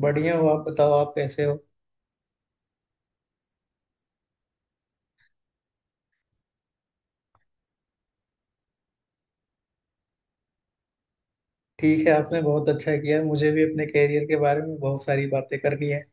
बढ़िया हो। आप बताओ, आप कैसे हो? ठीक है, आपने बहुत अच्छा किया। मुझे भी अपने कैरियर के बारे में बहुत सारी बातें करनी है।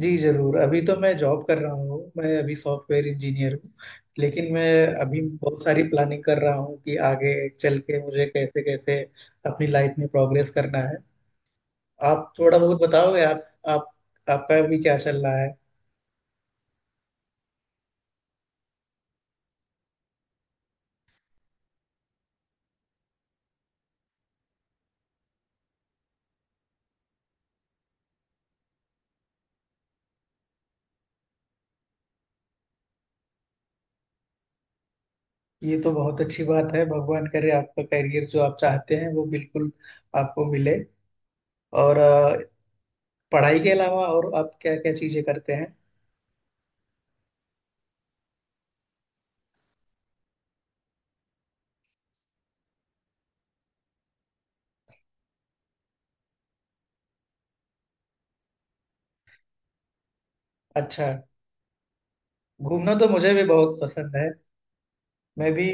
जी जरूर। अभी तो मैं जॉब कर रहा हूँ, मैं अभी सॉफ्टवेयर इंजीनियर हूँ। लेकिन मैं अभी बहुत सारी प्लानिंग कर रहा हूँ कि आगे चल के मुझे कैसे कैसे अपनी लाइफ में प्रोग्रेस करना है। आप थोड़ा बहुत बताओगे। आप आपका भी क्या चल रहा है? ये तो बहुत अच्छी बात है। भगवान करे आपका करियर जो आप चाहते हैं, वो बिल्कुल आपको मिले। और पढ़ाई के अलावा और आप क्या क्या चीजें करते हैं? अच्छा। घूमना तो मुझे भी बहुत पसंद है। मैं भी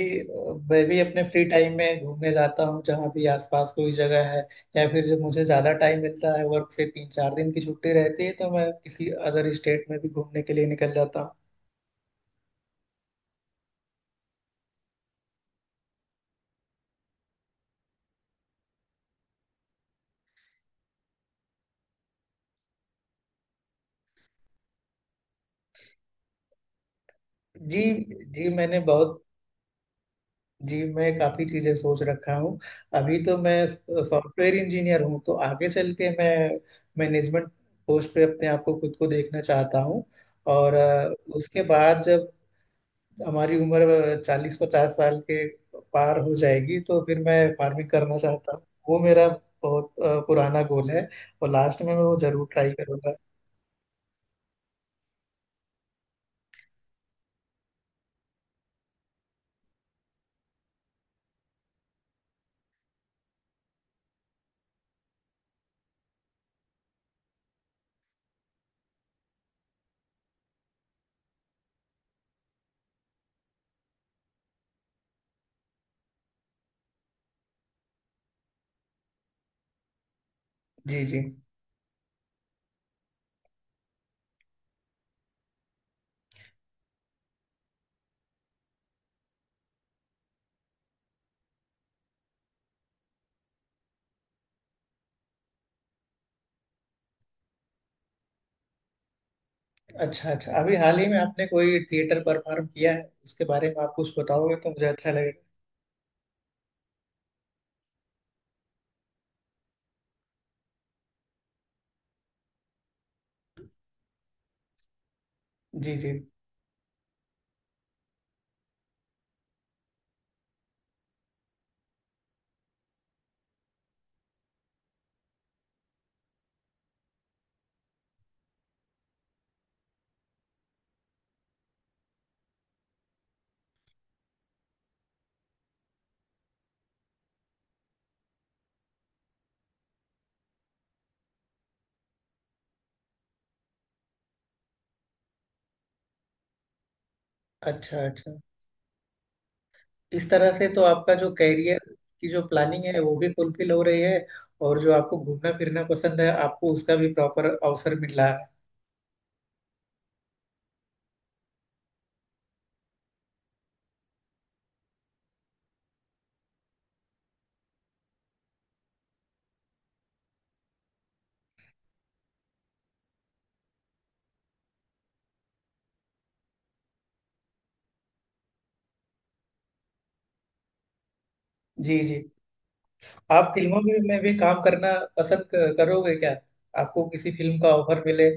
मैं भी अपने फ्री टाइम में घूमने जाता हूँ जहाँ भी आसपास कोई जगह है। या फिर जब मुझे ज्यादा टाइम मिलता है, वर्क से 3-4 दिन की छुट्टी रहती है, तो मैं किसी अदर स्टेट में भी घूमने के लिए निकल जाता हूँ। जी जी। मैंने बहुत जी, मैं काफ़ी चीज़ें सोच रखा हूँ। अभी तो मैं सॉफ्टवेयर इंजीनियर हूँ, तो आगे चल के मैं मैनेजमेंट पोस्ट पे अपने आप को, खुद को देखना चाहता हूँ। और उसके बाद जब हमारी उम्र 40-50 साल के पार हो जाएगी तो फिर मैं फार्मिंग करना चाहता हूँ। वो मेरा बहुत पुराना गोल है। और लास्ट में मैं वो जरूर ट्राई करूँगा। जी जी। अच्छा अच्छा। अभी हाल ही में आपने कोई थिएटर परफॉर्म किया है, उसके बारे में आप कुछ बताओगे तो मुझे अच्छा लगेगा। जी जी। अच्छा अच्छा। इस तरह से तो आपका जो कैरियर की जो प्लानिंग है, वो भी फुलफिल हो रही है। और जो आपको घूमना फिरना पसंद है, आपको उसका भी प्रॉपर अवसर मिल रहा है। जी जी। आप फिल्मों में भी काम करना पसंद करोगे क्या? आपको किसी फिल्म का ऑफर मिले।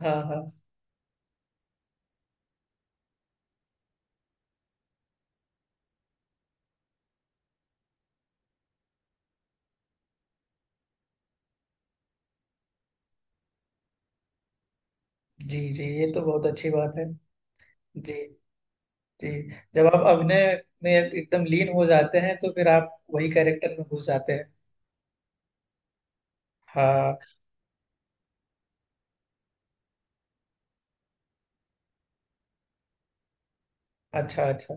हाँ हाँ। जी जी। ये तो बहुत अच्छी बात है। जी जी। जब आप अभिनय में एकदम लीन हो जाते हैं तो फिर आप वही कैरेक्टर में घुस जाते हैं। हाँ। अच्छा अच्छा।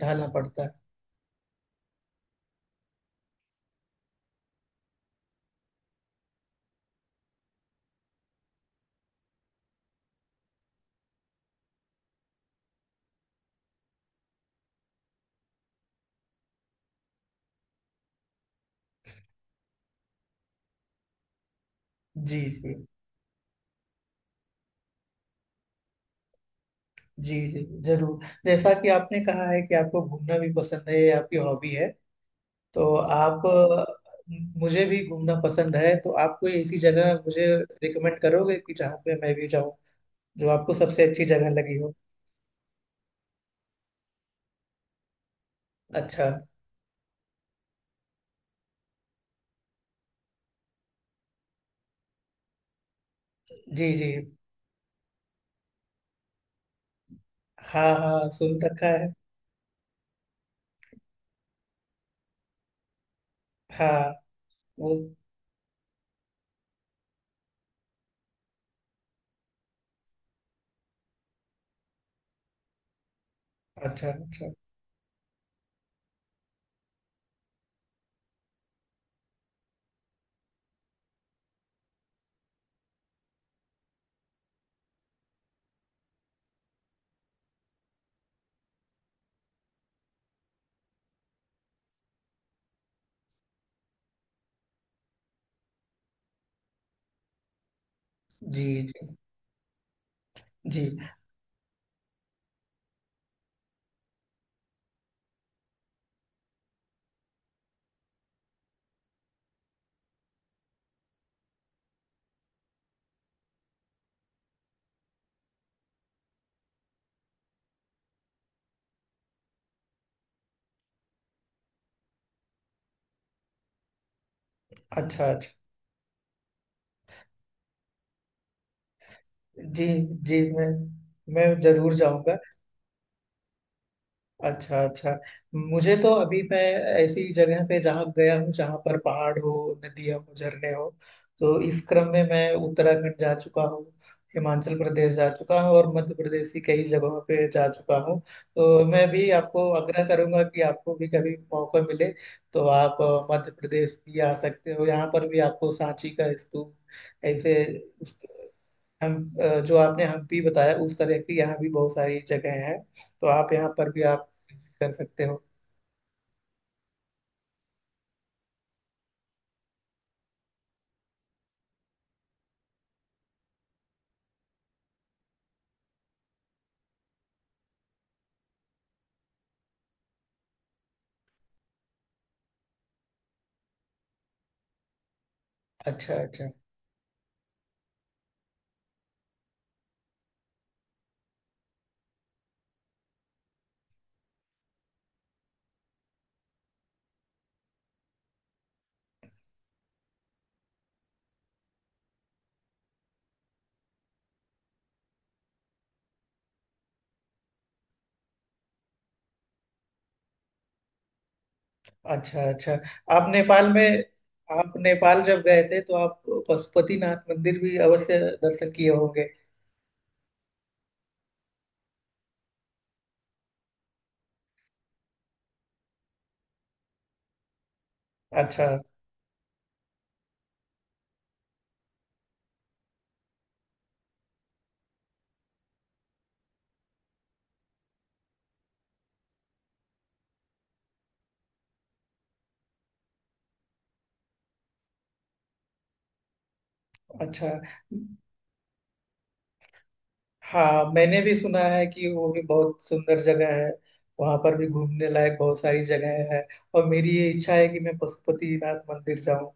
ढालना पड़ता है। जी जी। जी जी जरूर। जैसा कि आपने कहा है कि आपको घूमना भी पसंद है, ये आपकी हॉबी है। तो आप अ, मुझे भी घूमना पसंद है। तो आप कोई ऐसी जगह मुझे रिकमेंड करोगे कि जहाँ पे मैं भी जाऊँ, जो आपको सबसे अच्छी जगह लगी हो? अच्छा। जी जी। हाँ हाँ, सुन रखा है। हाँ। वो अच्छा अच्छा। जी जी जी। अच्छा अच्छा। जी जी। मैं जरूर जाऊँगा। अच्छा अच्छा। मुझे तो अभी मैं ऐसी जगह पे जहाँ गया हूँ जहाँ पर पहाड़ हो, नदियाँ हो, झरने हो, तो इस क्रम में मैं उत्तराखंड जा चुका हूँ। हिमाचल प्रदेश जा चुका हूँ, और मध्य प्रदेश की कई जगहों पे जा चुका हूँ। तो मैं भी आपको आग्रह करूंगा कि आपको भी कभी मौका मिले तो आप मध्य प्रदेश भी आ सकते हो। यहाँ पर भी आपको सांची का स्तूप ऐसे, उस- हम जो आपने हम्पी बताया उस तरह की यहाँ भी बहुत सारी जगह है। तो आप यहाँ पर भी आप कर सकते हो। अच्छा अच्छा। अच्छा अच्छा। आप नेपाल में आप नेपाल जब गए थे तो आप पशुपतिनाथ मंदिर भी अवश्य दर्शन किए होंगे। अच्छा अच्छा। हाँ, मैंने भी सुना है कि वो भी बहुत सुंदर जगह है। वहां पर भी घूमने लायक बहुत सारी जगह है। और मेरी ये इच्छा है कि मैं पशुपतिनाथ मंदिर जाऊं।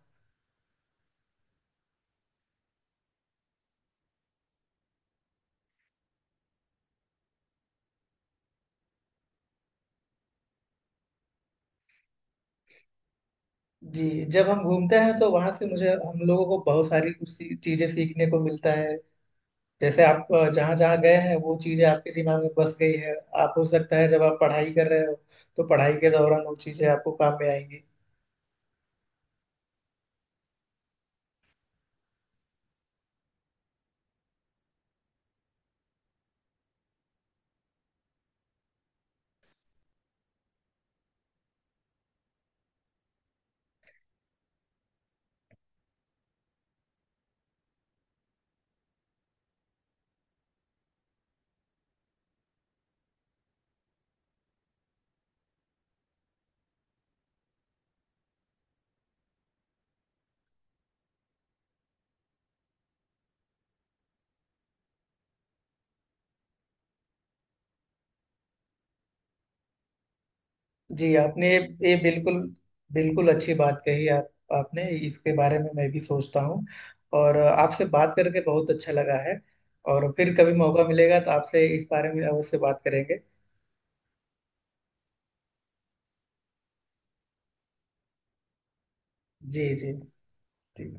जी। जब हम घूमते हैं तो वहां से मुझे हम लोगों को बहुत सारी कुछ चीजें सीखने को मिलता है। जैसे आप जहाँ जहाँ गए हैं वो चीजें आपके दिमाग में बस गई है। आप हो सकता है जब आप पढ़ाई कर रहे हो तो पढ़ाई के दौरान वो चीजें आपको काम में आएंगी। जी। आपने ये बिल्कुल बिल्कुल अच्छी बात कही। आप आपने इसके बारे में मैं भी सोचता हूँ। और आपसे बात करके बहुत अच्छा लगा है। और फिर कभी मौका मिलेगा तो आपसे इस बारे में अवश्य बात करेंगे। जी जी जी।